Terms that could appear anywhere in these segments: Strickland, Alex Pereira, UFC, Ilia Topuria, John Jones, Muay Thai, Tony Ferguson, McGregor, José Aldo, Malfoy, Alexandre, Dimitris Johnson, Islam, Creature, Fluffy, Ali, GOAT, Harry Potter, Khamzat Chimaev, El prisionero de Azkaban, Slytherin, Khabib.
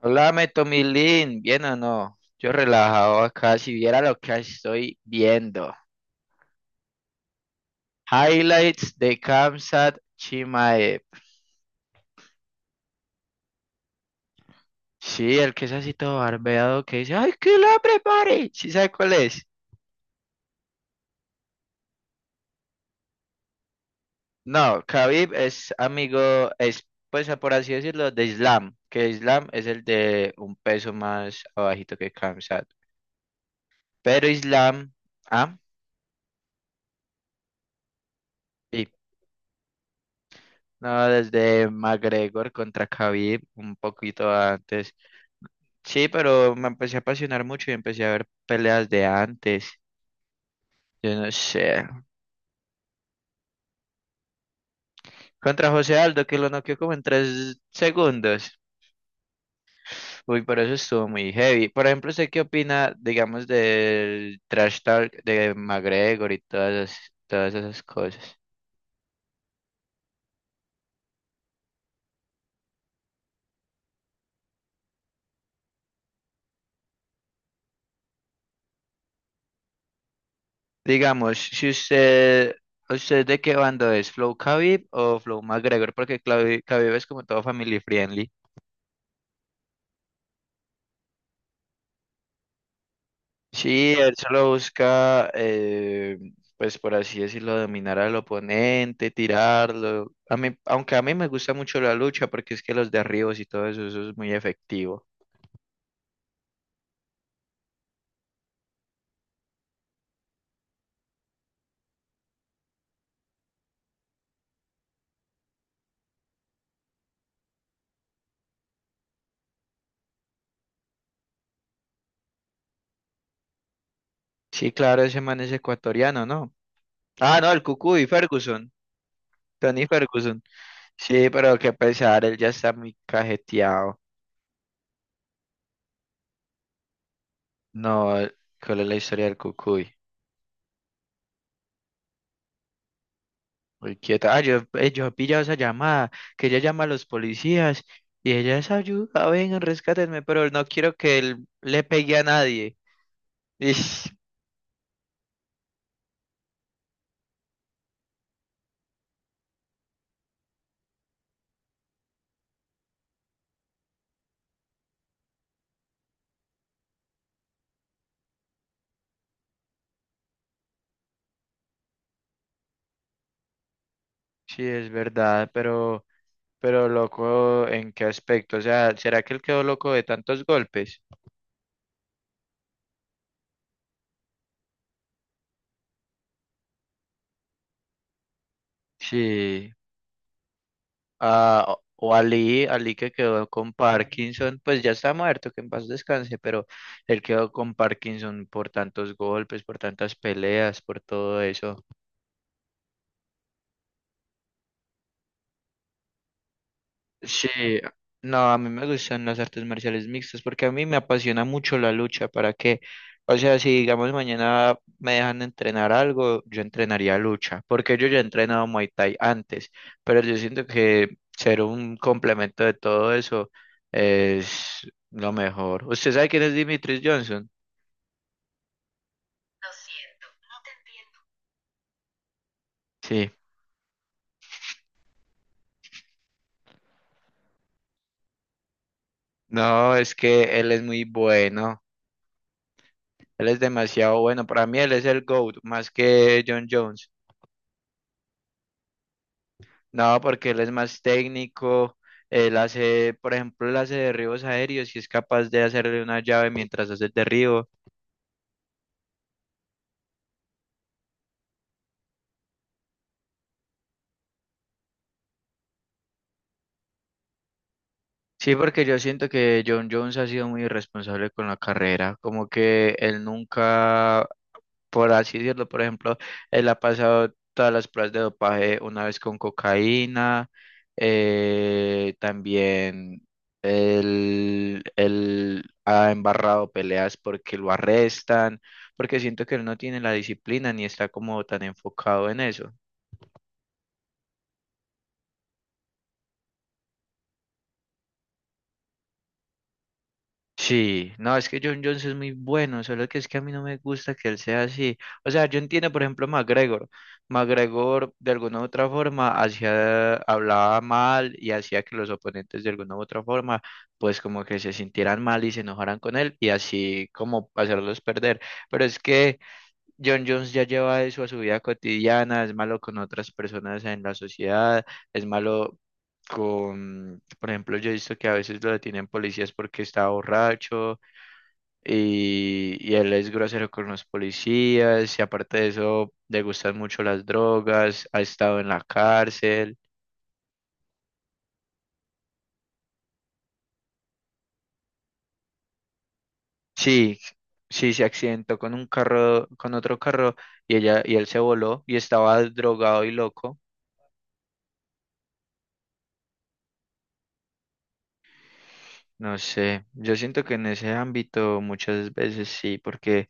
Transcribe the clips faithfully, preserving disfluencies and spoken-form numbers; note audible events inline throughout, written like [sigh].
Háblame, Tomilín, ¿bien o no? Yo relajado acá, si viera lo que estoy viendo. Highlights de Kamsat Chimaev. Sí, el que es así todo barbeado que dice, ¡ay, que la prepare! ¿Sí sabe cuál es? No, Khabib es amigo, es, pues por así decirlo, de Islam, que Islam es el de un peso más abajito que Kamsat. Pero Islam, ah, sí, no, desde McGregor contra Khabib, un poquito antes. Sí, pero me empecé a apasionar mucho y empecé a ver peleas de antes. Yo no sé. Contra José Aldo, que lo noqueó como en tres segundos. Uy, pero eso estuvo muy heavy. Por ejemplo, ¿usted qué opina, digamos, del trash talk de McGregor y todas esas, todas esas cosas? Digamos, si usted, ¿usted de qué bando es? ¿Flow Khabib o Flow McGregor? Porque Khabib Khabib es como todo family friendly. Sí, él solo busca, eh, pues por así decirlo, dominar al oponente, tirarlo. A mí, aunque a mí me gusta mucho la lucha porque es que los derribos y todo eso, eso es muy efectivo. Sí, claro, ese man es ecuatoriano, ¿no? Ah, no, el Cucuy, Ferguson, Tony Ferguson. Sí, pero qué pesar, él ya está muy cajeteado. No, eh, ¿cuál es la historia del cucuy? Muy quieta. Ah, yo, eh, yo he pillado esa llamada, que ella llama a los policías y ella es ayuda, vengan, rescátenme, pero no quiero que él le pegue a nadie. Ish, sí, es verdad, pero, pero loco, ¿en qué aspecto? O sea, ¿será que él quedó loco de tantos golpes? Sí, a- o Ali, Ali que quedó con Parkinson, pues ya está muerto, que en paz descanse, pero él quedó con Parkinson por tantos golpes, por tantas peleas, por todo eso. Sí, no, a mí me gustan las artes marciales mixtas porque a mí me apasiona mucho la lucha, ¿para qué? O sea, si digamos mañana me dejan entrenar algo, yo entrenaría lucha, porque yo ya he entrenado Muay Thai antes, pero yo siento que ser un complemento de todo eso es lo mejor. ¿Usted sabe quién es Dimitris Johnson? Sí, no, es que él es muy bueno, él es demasiado bueno, para mí él es el GOAT, más que John Jones. No, porque él es más técnico, él hace, por ejemplo, él hace derribos aéreos y es capaz de hacerle una llave mientras hace el derribo. Sí, porque yo siento que John Jones ha sido muy irresponsable con la carrera, como que él nunca por así decirlo. Por ejemplo, él ha pasado todas las pruebas de dopaje una vez con cocaína, eh, también él, él ha embarrado peleas porque lo arrestan, porque siento que él no tiene la disciplina ni está como tan enfocado en eso. Sí, no, es que John Jones es muy bueno, solo que es que a mí no me gusta que él sea así. O sea, yo entiendo, por ejemplo, McGregor. McGregor, de alguna u otra forma, hacía, hablaba mal y hacía que los oponentes, de alguna u otra forma, pues como que se sintieran mal y se enojaran con él y así como hacerlos perder. Pero es que John Jones ya lleva eso a su vida cotidiana, es malo con otras personas en la sociedad, es malo con, por ejemplo, yo he visto que a veces lo detienen policías porque está borracho y, y él es grosero con los policías y aparte de eso le gustan mucho las drogas, ha estado en la cárcel. Sí, sí, se accidentó con un carro, con otro carro y ella y él se voló y estaba drogado y loco. No sé, yo siento que en ese ámbito muchas veces sí, porque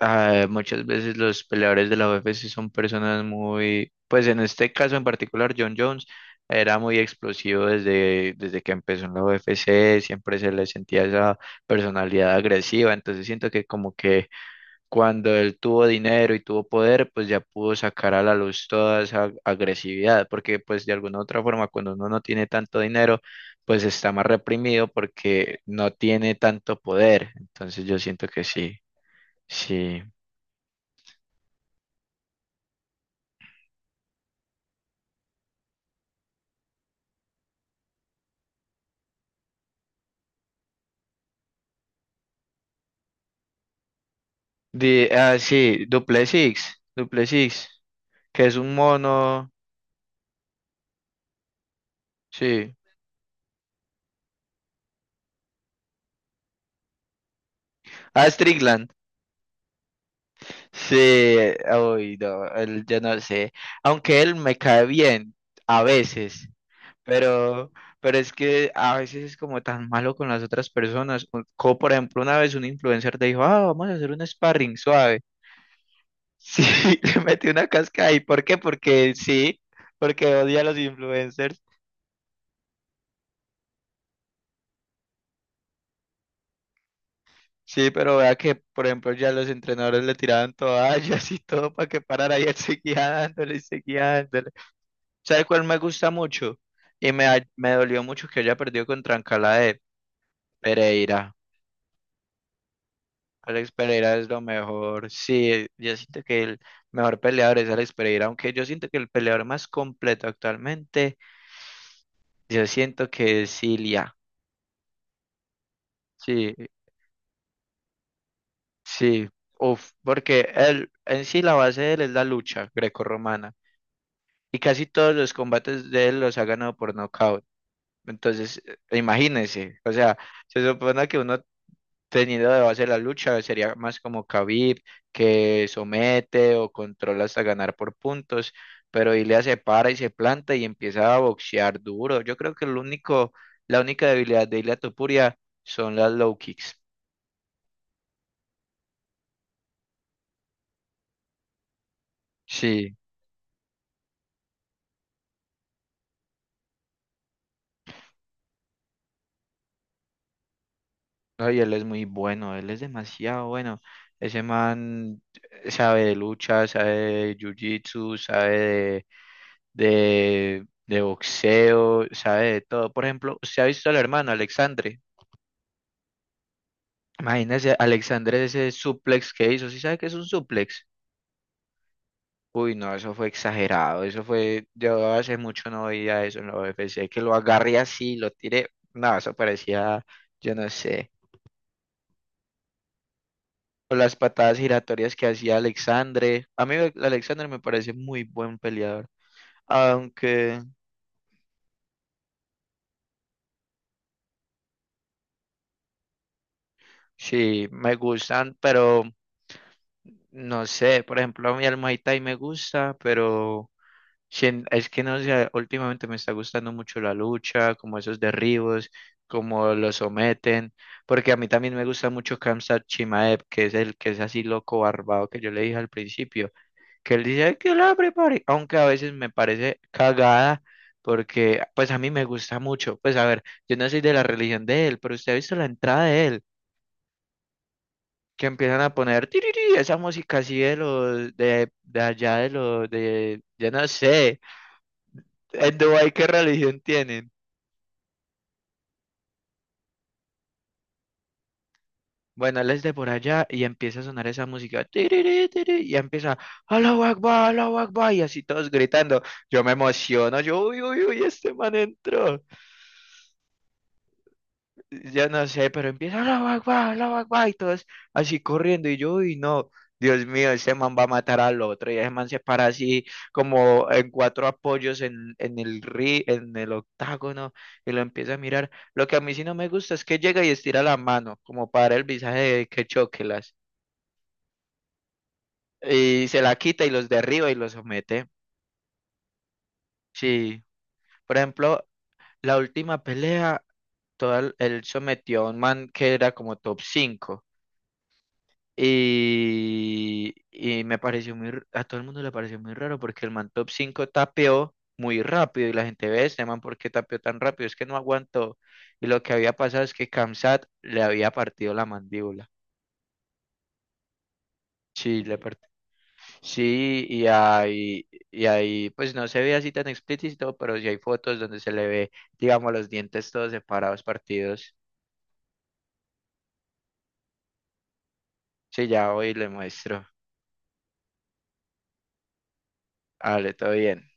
ah, muchas veces los peleadores de la U F C son personas muy, pues en este caso en particular, John Jones era muy explosivo desde, desde que empezó en la U F C, siempre se le sentía esa personalidad agresiva, entonces siento que como que cuando él tuvo dinero y tuvo poder, pues ya pudo sacar a la luz toda esa agresividad, porque pues de alguna u otra forma cuando uno no tiene tanto dinero, pues está más reprimido porque no tiene tanto poder, entonces yo siento que sí. Sí, de ah, sí, Duplessis, Duplessis, que es un mono, sí. Ah, Strickland, sí, uy, no, él, yo no sé, aunque él me cae bien, a veces, pero, pero es que a veces es como tan malo con las otras personas, co- como por ejemplo una vez un influencer te dijo, ah, vamos a hacer un sparring suave, sí, [laughs] le metí una casca ahí, ¿por qué? Porque sí, porque odia a los influencers. Sí, pero vea que, por ejemplo, ya los entrenadores le tiraban toallas y todo para que parara y él [laughs] seguía dándole y seguía dándole. ¿Sabe cuál me gusta mucho? Y me, da- me dolió mucho que haya perdido contra Trancalá de Pereira. Alex Pereira es lo mejor. Sí, yo siento que el mejor peleador es Alex Pereira, aunque yo siento que el peleador más completo actualmente, yo siento que es Ilia. Sí, sí. Uf, porque él, en sí la base de él es la lucha grecorromana. Y casi todos los combates de él los ha ganado por nocaut. Entonces, eh, imagínense, o sea, se supone que uno teniendo de base la lucha sería más como Khabib, que somete o controla hasta ganar por puntos, pero Ilia se para y se planta y empieza a boxear duro. Yo creo que el único, la única debilidad de Ilia Topuria son las low kicks. Sí. No, y él es muy bueno, él es demasiado bueno. Ese man sabe de lucha, sabe de jiu-jitsu, sabe de, de, de boxeo, sabe de todo. Por ejemplo, ¿usted ha visto al hermano Alexandre? Imagínese, Alexandre ese suplex que hizo. ¿Sí sabe qué es un suplex? Uy, no, eso fue exagerado. Eso fue, yo hace mucho no veía eso en la U F C, que lo agarré así, lo tiré. No, eso parecía, yo no sé. O las patadas giratorias que hacía Alexandre. A mí Alexandre me parece muy buen peleador. Aunque sí, me gustan, pero no sé. Por ejemplo, a mí el Muay Thai me gusta, pero sien- es que no sé, últimamente me está gustando mucho la lucha, como esos derribos, como lo someten. Porque a mí también me gusta mucho Khamzat Chimaev, que es el que es así loco barbado que yo le dije al principio. Que él dice "Ay, que la prepare", aunque a veces me parece cagada, porque pues a mí me gusta mucho. Pues a ver, yo no soy de la religión de él, pero usted ha visto la entrada de él, que empiezan a poner "Tiriri", esa música así de los de, de allá de los de yo no sé, en Dubái qué religión tienen. Bueno, él es de por allá y empieza a sonar esa música, "Tiriri, tiriri", y empieza, Allahu Akbar, Allahu Akbar, y así todos gritando. Yo me emociono, yo, uy, uy, uy, este man entró. Ya no sé, pero empieza la Akbar, Allahu Akbar", y todos así corriendo, y yo, uy no, Dios mío, ese man va a matar al otro, y ese man se para así como en cuatro apoyos en, en el ri, en el octágono, y lo empieza a mirar. Lo que a mí sí no me gusta es que llega y estira la mano, como para el visaje de que choquelas, y se la quita y los derriba y los somete. Sí, por ejemplo, la última pelea, todo el- él sometió a un man que era como top cinco. Y, y me pareció muy, r- a todo el mundo le pareció muy raro porque el man top cinco tapeó muy rápido y la gente ve, este man, ¿por qué tapeó tan rápido? Es que no aguantó. Y lo que había pasado es que Kamsat le había partido la mandíbula. Sí, le part- sí, y ahí, y ahí, pues no se ve así tan explícito, pero sí hay fotos donde se le ve, digamos, los dientes todos separados, partidos. Sí, ya hoy le muestro. Vale, todo bien.